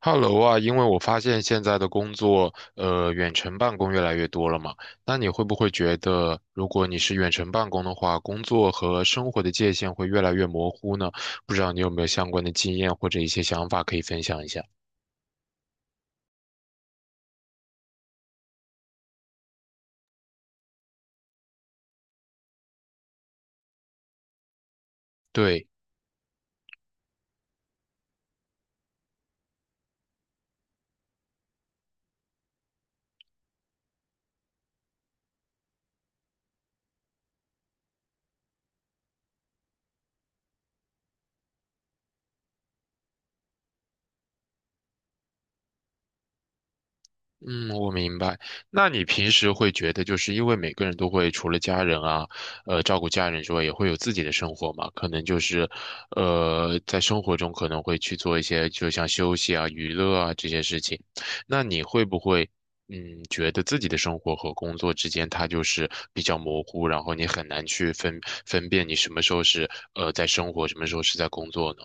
Hello 啊，因为我发现现在的工作，远程办公越来越多了嘛，那你会不会觉得，如果你是远程办公的话，工作和生活的界限会越来越模糊呢？不知道你有没有相关的经验或者一些想法可以分享一下？对。嗯，我明白。那你平时会觉得，就是因为每个人都会除了家人啊，照顾家人之外，也会有自己的生活嘛？可能就是，在生活中可能会去做一些，就像休息啊、娱乐啊这些事情。那你会不会，嗯，觉得自己的生活和工作之间它就是比较模糊，然后你很难去分辨你什么时候是在生活，什么时候是在工作呢？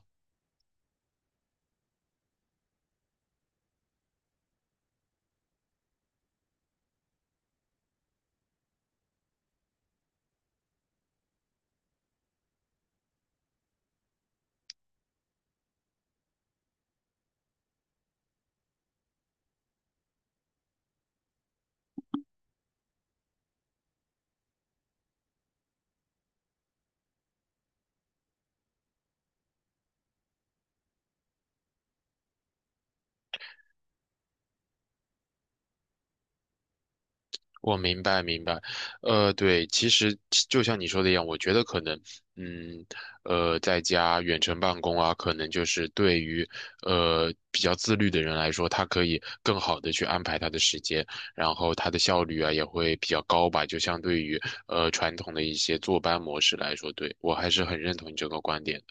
我明白明白，对，其实就像你说的一样，我觉得可能，嗯，在家远程办公啊，可能就是对于比较自律的人来说，他可以更好的去安排他的时间，然后他的效率啊也会比较高吧，就相对于传统的一些坐班模式来说，对，我还是很认同你这个观点。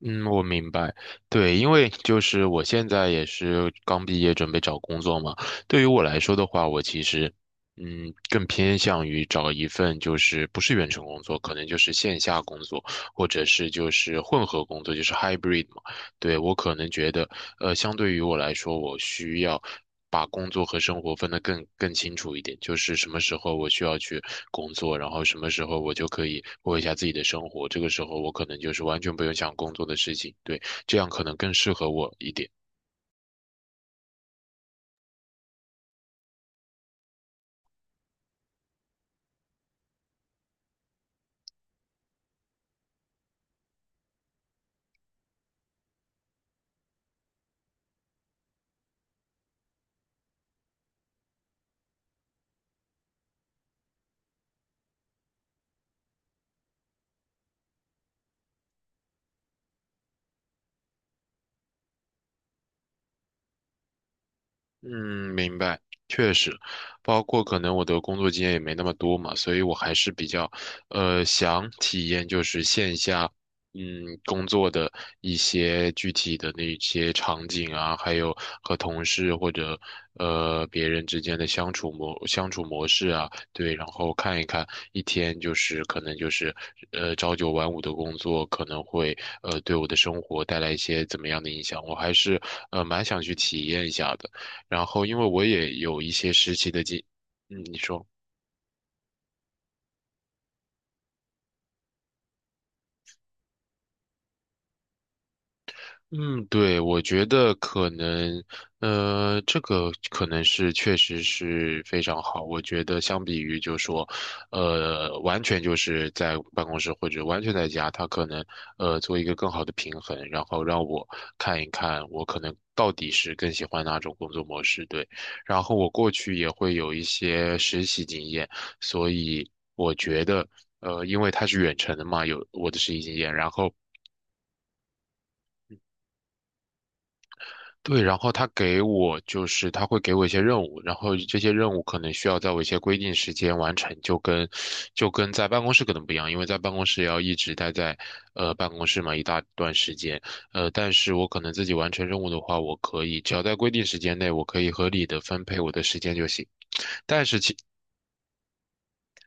嗯，我明白。对，因为就是我现在也是刚毕业，准备找工作嘛。对于我来说的话，我其实，嗯，更偏向于找一份就是不是远程工作，可能就是线下工作，或者是就是混合工作，就是 hybrid 嘛。对，我可能觉得，相对于我来说，我需要把工作和生活分得更清楚一点，就是什么时候我需要去工作，然后什么时候我就可以过一下自己的生活，这个时候我可能就是完全不用想工作的事情，对，这样可能更适合我一点。嗯，明白，确实，包括可能我的工作经验也没那么多嘛，所以我还是比较，想体验就是线下，嗯，工作的一些具体的那些场景啊，还有和同事或者别人之间的相处模式啊，对，然后看一看一天就是可能就是朝九晚五的工作可能会对我的生活带来一些怎么样的影响，我还是蛮想去体验一下的。然后因为我也有一些实习的经，嗯，你说。嗯，对，我觉得可能，这个可能是确实是非常好。我觉得相比于就说，完全就是在办公室或者完全在家，他可能做一个更好的平衡，然后让我看一看我可能到底是更喜欢哪种工作模式。对，然后我过去也会有一些实习经验，所以我觉得。因为他是远程的嘛，有我的实习经验，然后对，然后他给我就是他会给我一些任务，然后这些任务可能需要在我一些规定时间完成，就跟在办公室可能不一样，因为在办公室要一直待在办公室嘛一大段时间，但是我可能自己完成任务的话，我可以只要在规定时间内，我可以合理的分配我的时间就行。但是其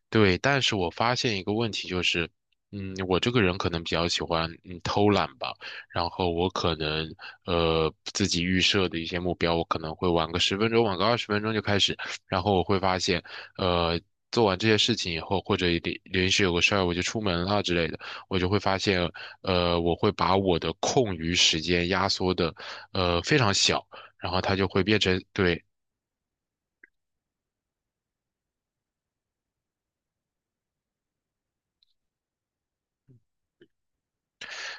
对，但是我发现一个问题就是，嗯，我这个人可能比较喜欢偷懒吧，然后我可能自己预设的一些目标，我可能会晚个十分钟，晚个20分钟就开始，然后我会发现，呃，做完这些事情以后，或者临时有个事儿我就出门了之类的，我就会发现，我会把我的空余时间压缩的非常小。然后它就会变成，对，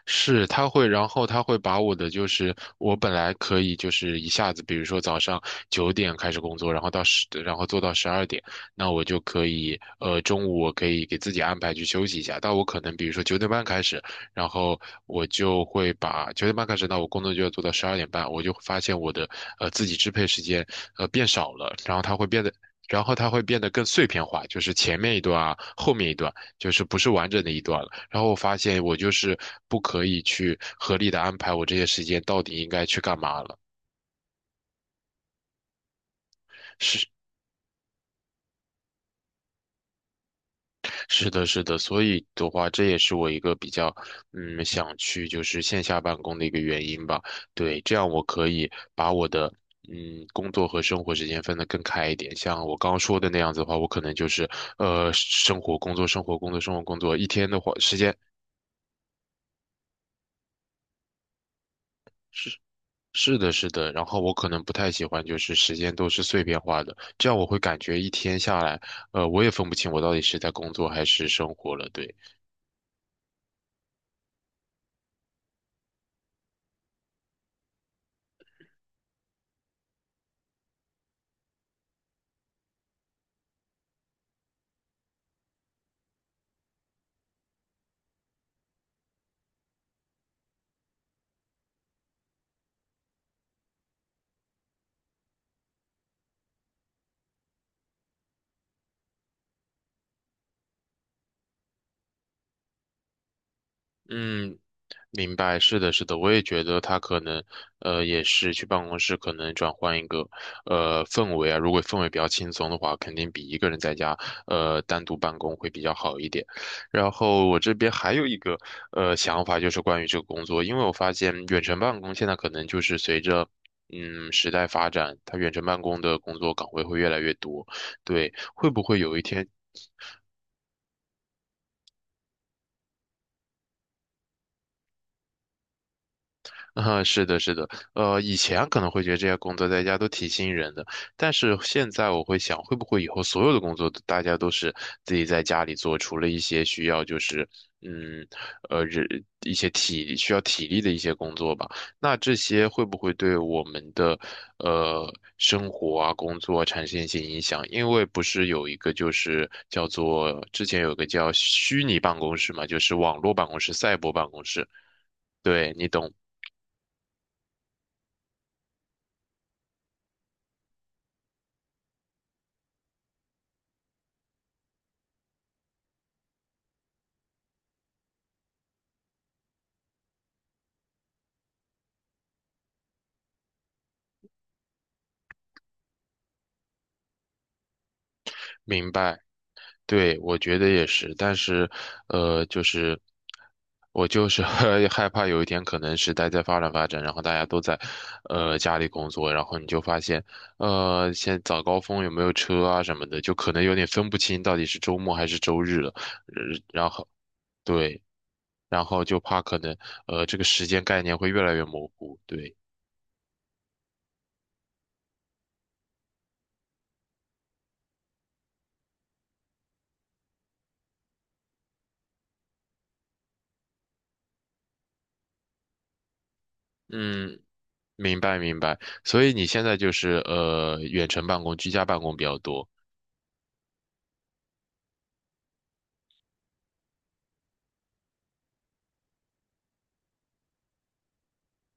是，他会，然后他会把我的就是我本来可以就是一下子，比如说早上九点开始工作，然后到十，然后做到十二点，那我就可以，中午我可以给自己安排去休息一下。但我可能比如说九点半开始，然后我就会把九点半开始，那我工作就要做到12点半，我就会发现我的自己支配时间变少了，然后它会变得。然后它会变得更碎片化，就是前面一段啊，后面一段。就是不是完整的一段了。然后我发现我就是不可以去合理的安排我这些时间到底应该去干嘛了。是是的，是的，所以的话，这也是我一个比较想去就是线下办公的一个原因吧。对，这样我可以把我的工作和生活时间分得更开一点。像我刚刚说的那样子的话，我可能就是生活工作生活工作生活工作，一天的话时间是的，是的，然后我可能不太喜欢，就是时间都是碎片化的，这样我会感觉一天下来，我也分不清我到底是在工作还是生活了。对，嗯，明白，是的，是的，我也觉得他可能，也是去办公室可能转换一个，氛围啊。如果氛围比较轻松的话，肯定比一个人在家，单独办公会比较好一点。然后我这边还有一个，想法就是关于这个工作，因为我发现远程办公现在可能就是随着。嗯，时代发展，它远程办公的工作岗位会越来越多。对，会不会有一天啊，是的，是的，以前可能会觉得这些工作在家都挺吸引人的，但是现在我会想，会不会以后所有的工作都大家都是自己在家里做，除了一些需要就是，嗯，人一些需要体力的一些工作吧，那这些会不会对我们的生活啊、工作啊产生一些影响？因为不是有一个就是叫做之前有个叫虚拟办公室嘛，就是网络办公室、赛博办公室，对，你懂。明白，对，我觉得也是，但是，就是我就是 害怕有一天可能时代在发展，然后大家都在，家里工作，然后你就发现，现在早高峰有没有车啊什么的，就可能有点分不清到底是周末还是周日了，然后对，然后就怕可能，这个时间概念会越来越模糊，对，嗯，明白明白，所以你现在就是远程办公、居家办公比较多。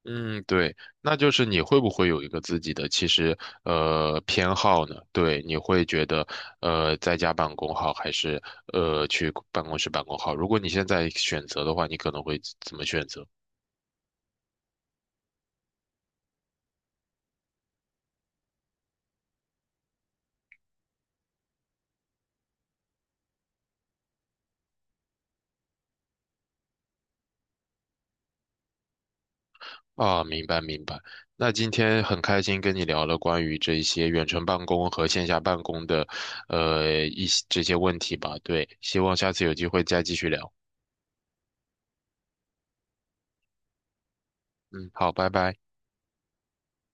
嗯，对，那就是你会不会有一个自己的其实偏好呢？对，你会觉得在家办公好还是去办公室办公好？如果你现在选择的话，你可能会怎么选择？啊，明白明白。那今天很开心跟你聊了关于这些远程办公和线下办公的一些这些问题吧。对，希望下次有机会再继续聊。嗯，好，拜拜。